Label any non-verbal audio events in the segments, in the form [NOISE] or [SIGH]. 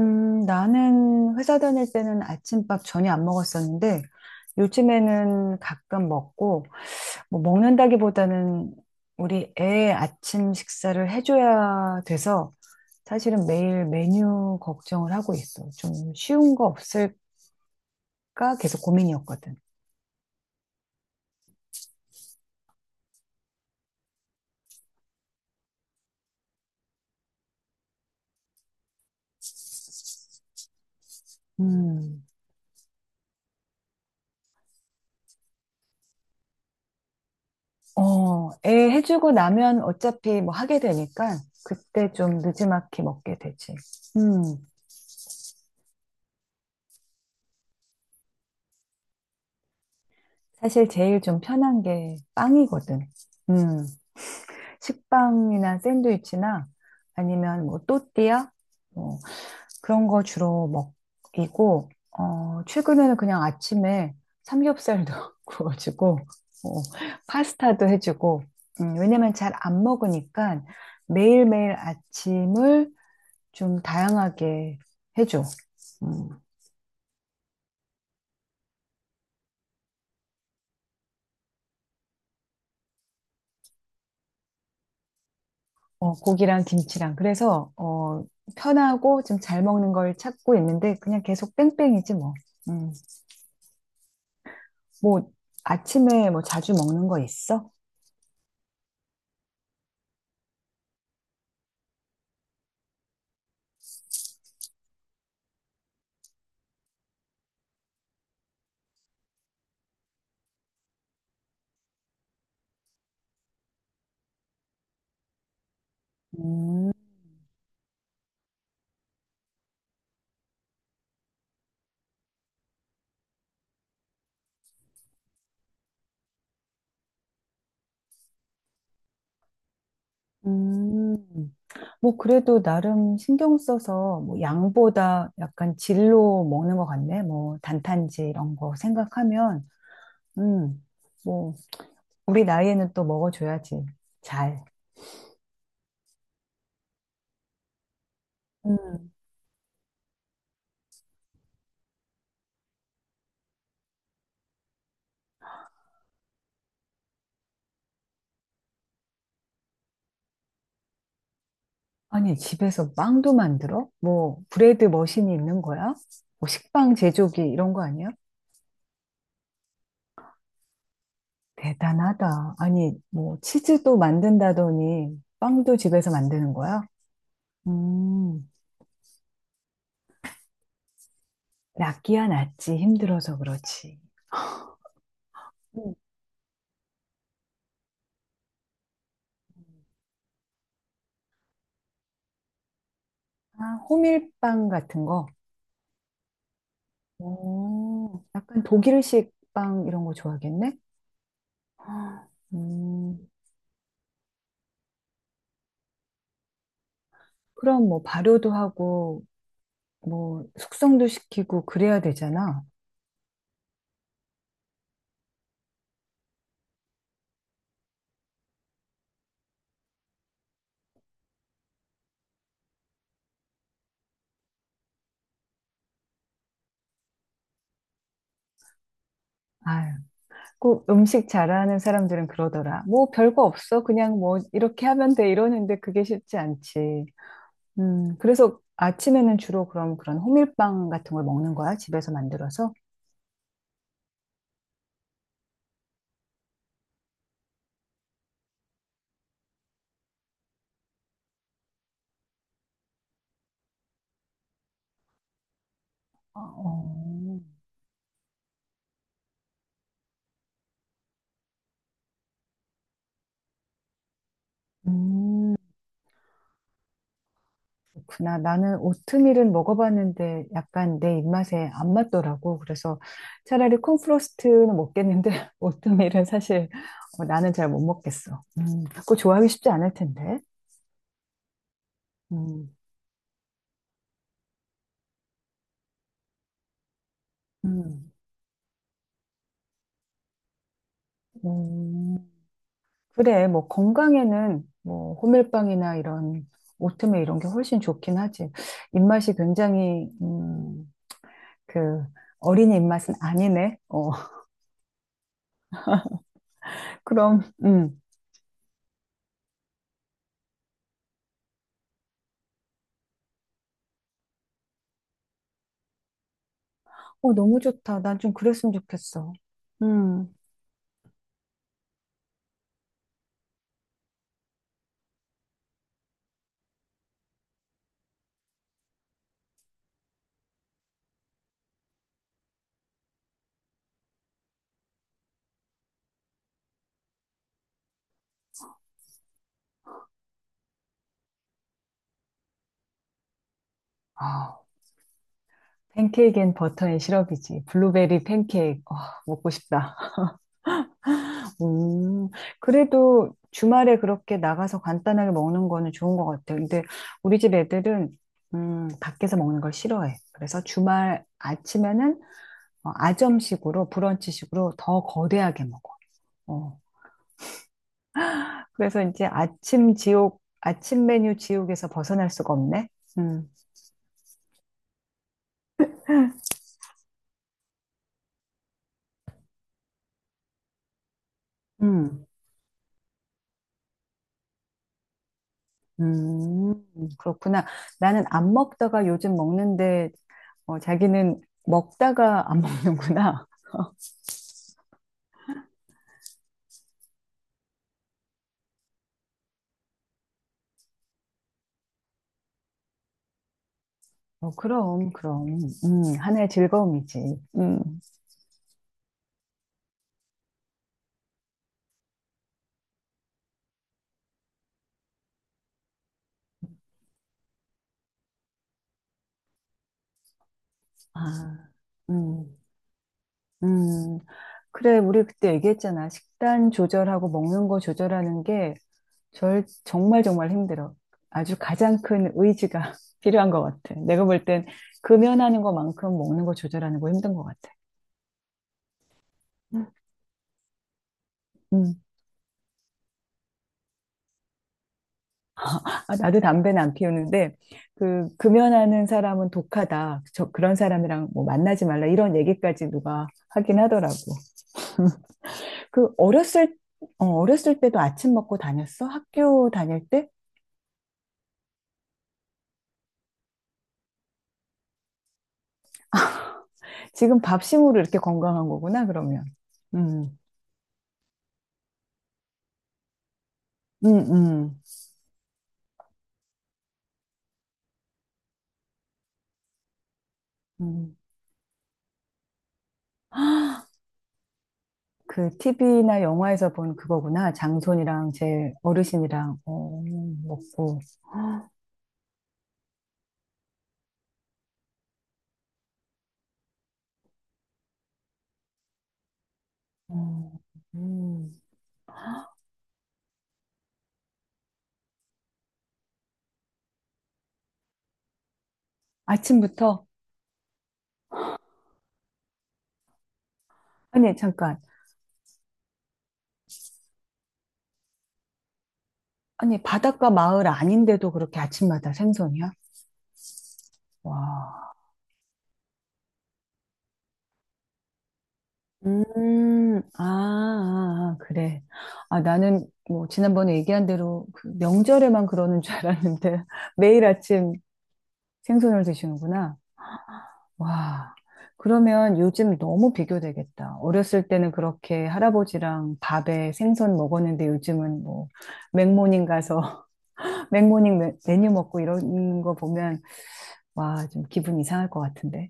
나는 회사 다닐 때는 아침밥 전혀 안 먹었었는데, 요즘에는 가끔 먹고, 뭐 먹는다기보다는 우리 애 아침 식사를 해줘야 돼서, 사실은 매일 메뉴 걱정을 하고 있어. 좀 쉬운 거 없을까? 계속 고민이었거든. 음, 애 해주고 나면 어차피 뭐 하게 되니까, 그때 좀 느지막이 먹게 되지. 음, 사실 제일 좀 편한 게 빵이거든. 음. 식빵이나 샌드위치나 아니면 뭐 또띠아 뭐 그런 거 주로 먹이고 최근에는 그냥 아침에 삼겹살도 [LAUGHS] 구워주고 어, 파스타도 해주고 왜냐면 잘 안 먹으니까 매일매일 아침을 좀 다양하게 해줘. 음, 고기랑 김치랑 그래서 편하고 좀 잘 먹는 걸 찾고 있는데 그냥 계속 뺑뺑이지 뭐. 음. 뭐 아침에 뭐 자주 먹는 거 있어? 음, 음. 뭐 그래도 나름 신경 써서 뭐 양보다 약간 질로 먹는 것 같네. 뭐 단탄지 이런 거 생각하면, 음, 뭐 우리 나이에는 또 먹어줘야지. 잘. 음. 아니, 집에서 빵도 만들어? 뭐 브레드 머신이 있는 거야? 뭐 식빵 제조기 이런 거 아니야? 대단하다. 아니, 뭐 치즈도 만든다더니 빵도 집에서 만드는 거야? 음, 낫기야 낫지. 힘들어서 그렇지. 음. 아, 호밀빵 같은 거. 오, 약간 독일식 빵 이런 거 좋아하겠네? 아, 음, 그럼 뭐 발효도 하고, 뭐 숙성도 시키고 그래야 되잖아. 아유, 꼭 음식 잘하는 사람들은 그러더라. 뭐 별거 없어. 그냥 뭐 이렇게 하면 돼. 이러는데 그게 쉽지 않지. 그래서 아침에는 주로 그럼 그런 호밀빵 같은 걸 먹는 거야? 집에서 만들어서? 아, 어. 음, 그렇구나. 나는 오트밀은 먹어봤는데 약간 내 입맛에 안 맞더라고. 그래서 차라리 콘프로스트는 먹겠는데 [LAUGHS] 오트밀은 사실 나는 잘 못 먹겠어. 그거 좋아하기 쉽지 않을 텐데. 음, 음, 음. 그래, 뭐 건강에는 뭐 호밀빵이나 이런 오트밀 이런 게 훨씬 좋긴 하지. 입맛이 굉장히 그 어린이 입맛은 아니네. [LAUGHS] 그럼 어, 너무 좋다. 난 좀 그랬으면 좋겠어. 음. 아, 팬케이크엔 버터 앤 시럽이지. 블루베리 팬케이크. 아, 먹고 싶다. [LAUGHS] 음. 그래도 주말에 그렇게 나가서 간단하게 먹는 거는 좋은 것 같아. 근데 우리 집 애들은 밖에서 먹는 걸 싫어해. 그래서 주말 아침에는 아점식으로 브런치식으로 더 거대하게 먹어. 어. 그래서 이제 아침 지옥, 아침 메뉴 지옥에서 벗어날 수가 없네. 음. 음. 음, 그렇구나. 나는 안 먹다가 요즘 먹는데, 자기는 먹다가 안 [LAUGHS] 먹는구나. 어, 그럼, 그럼. 하나의 즐거움이지. 아, 음, 음. 그래, 우리 그때 얘기했잖아. 식단 조절하고 먹는 거 조절하는 게 정말 정말 힘들어. 아주 가장 큰 의지가 [LAUGHS] 필요한 것 같아. 내가 볼 땐 금연하는 것만큼 먹는 거 조절하는 거 힘든 것 같아. 음, 나도 담배는 안 피우는데, 그, 금연하는 사람은 독하다. 그런 사람이랑 뭐 만나지 말라. 이런 얘기까지 누가 하긴 하더라고. [LAUGHS] 그, 어렸을, 어렸을 때도 아침 먹고 다녔어? 학교 다닐 때? 지금 밥심으로 이렇게 건강한 거구나, 그러면. 음, 음, 음, 음. 그, TV나 영화에서 본 그거구나. 장손이랑 제 어르신이랑, 먹고. 어, 음. 아침부터? 아니, 잠깐. 아니, 바닷가 마을 아닌데도 그렇게 아침마다 생선이야? 와. 아, 아, 아, 그래. 아, 나는 뭐 지난번에 얘기한 대로 그 명절에만 그러는 줄 알았는데 [LAUGHS] 매일 아침 생선을 드시는구나. 와. 그러면 요즘 너무 비교되겠다. 어렸을 때는 그렇게 할아버지랑 밥에 생선 먹었는데 요즘은 뭐 맥모닝 가서 [LAUGHS] 맥모닝 메- 메뉴 먹고 이런 거 보면 와, 좀 기분 이상할 것 같은데.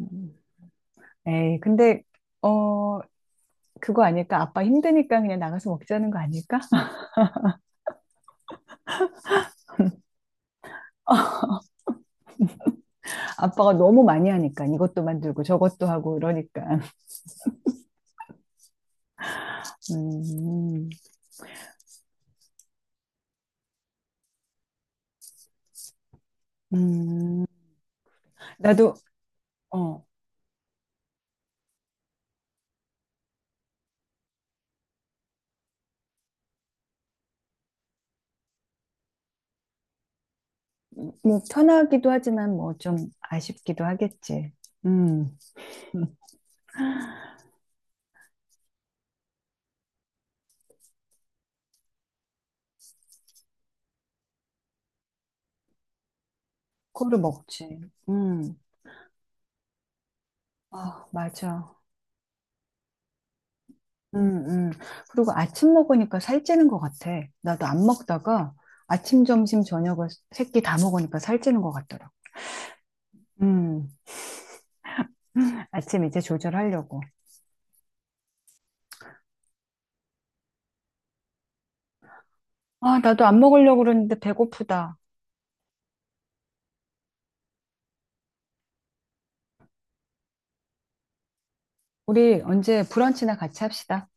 음. 에이, 근데, 어, 그거 아닐까? 아빠 힘드니까 그냥 나가서 먹자는 거 아닐까? [LAUGHS] 아빠가 너무 많이 하니까 이것도 만들고 저것도 하고 이러니까. 음, 음, 나도, 어, 뭐 편하기도 하지만 뭐 좀 아쉽기도 하겠지. 음, [LAUGHS] 그거를 먹지. 음, 아, 맞아. 음, 음. 그리고 아침 먹으니까 살찌는 것 같아. 나도 안 먹다가 아침, 점심, 저녁을 세끼 다 먹으니까 살찌는 것 같더라고. 음. 아침 이제 조절하려고. 아, 나도 안 먹으려고 그러는데 배고프다. 우리 언제 브런치나 같이 합시다.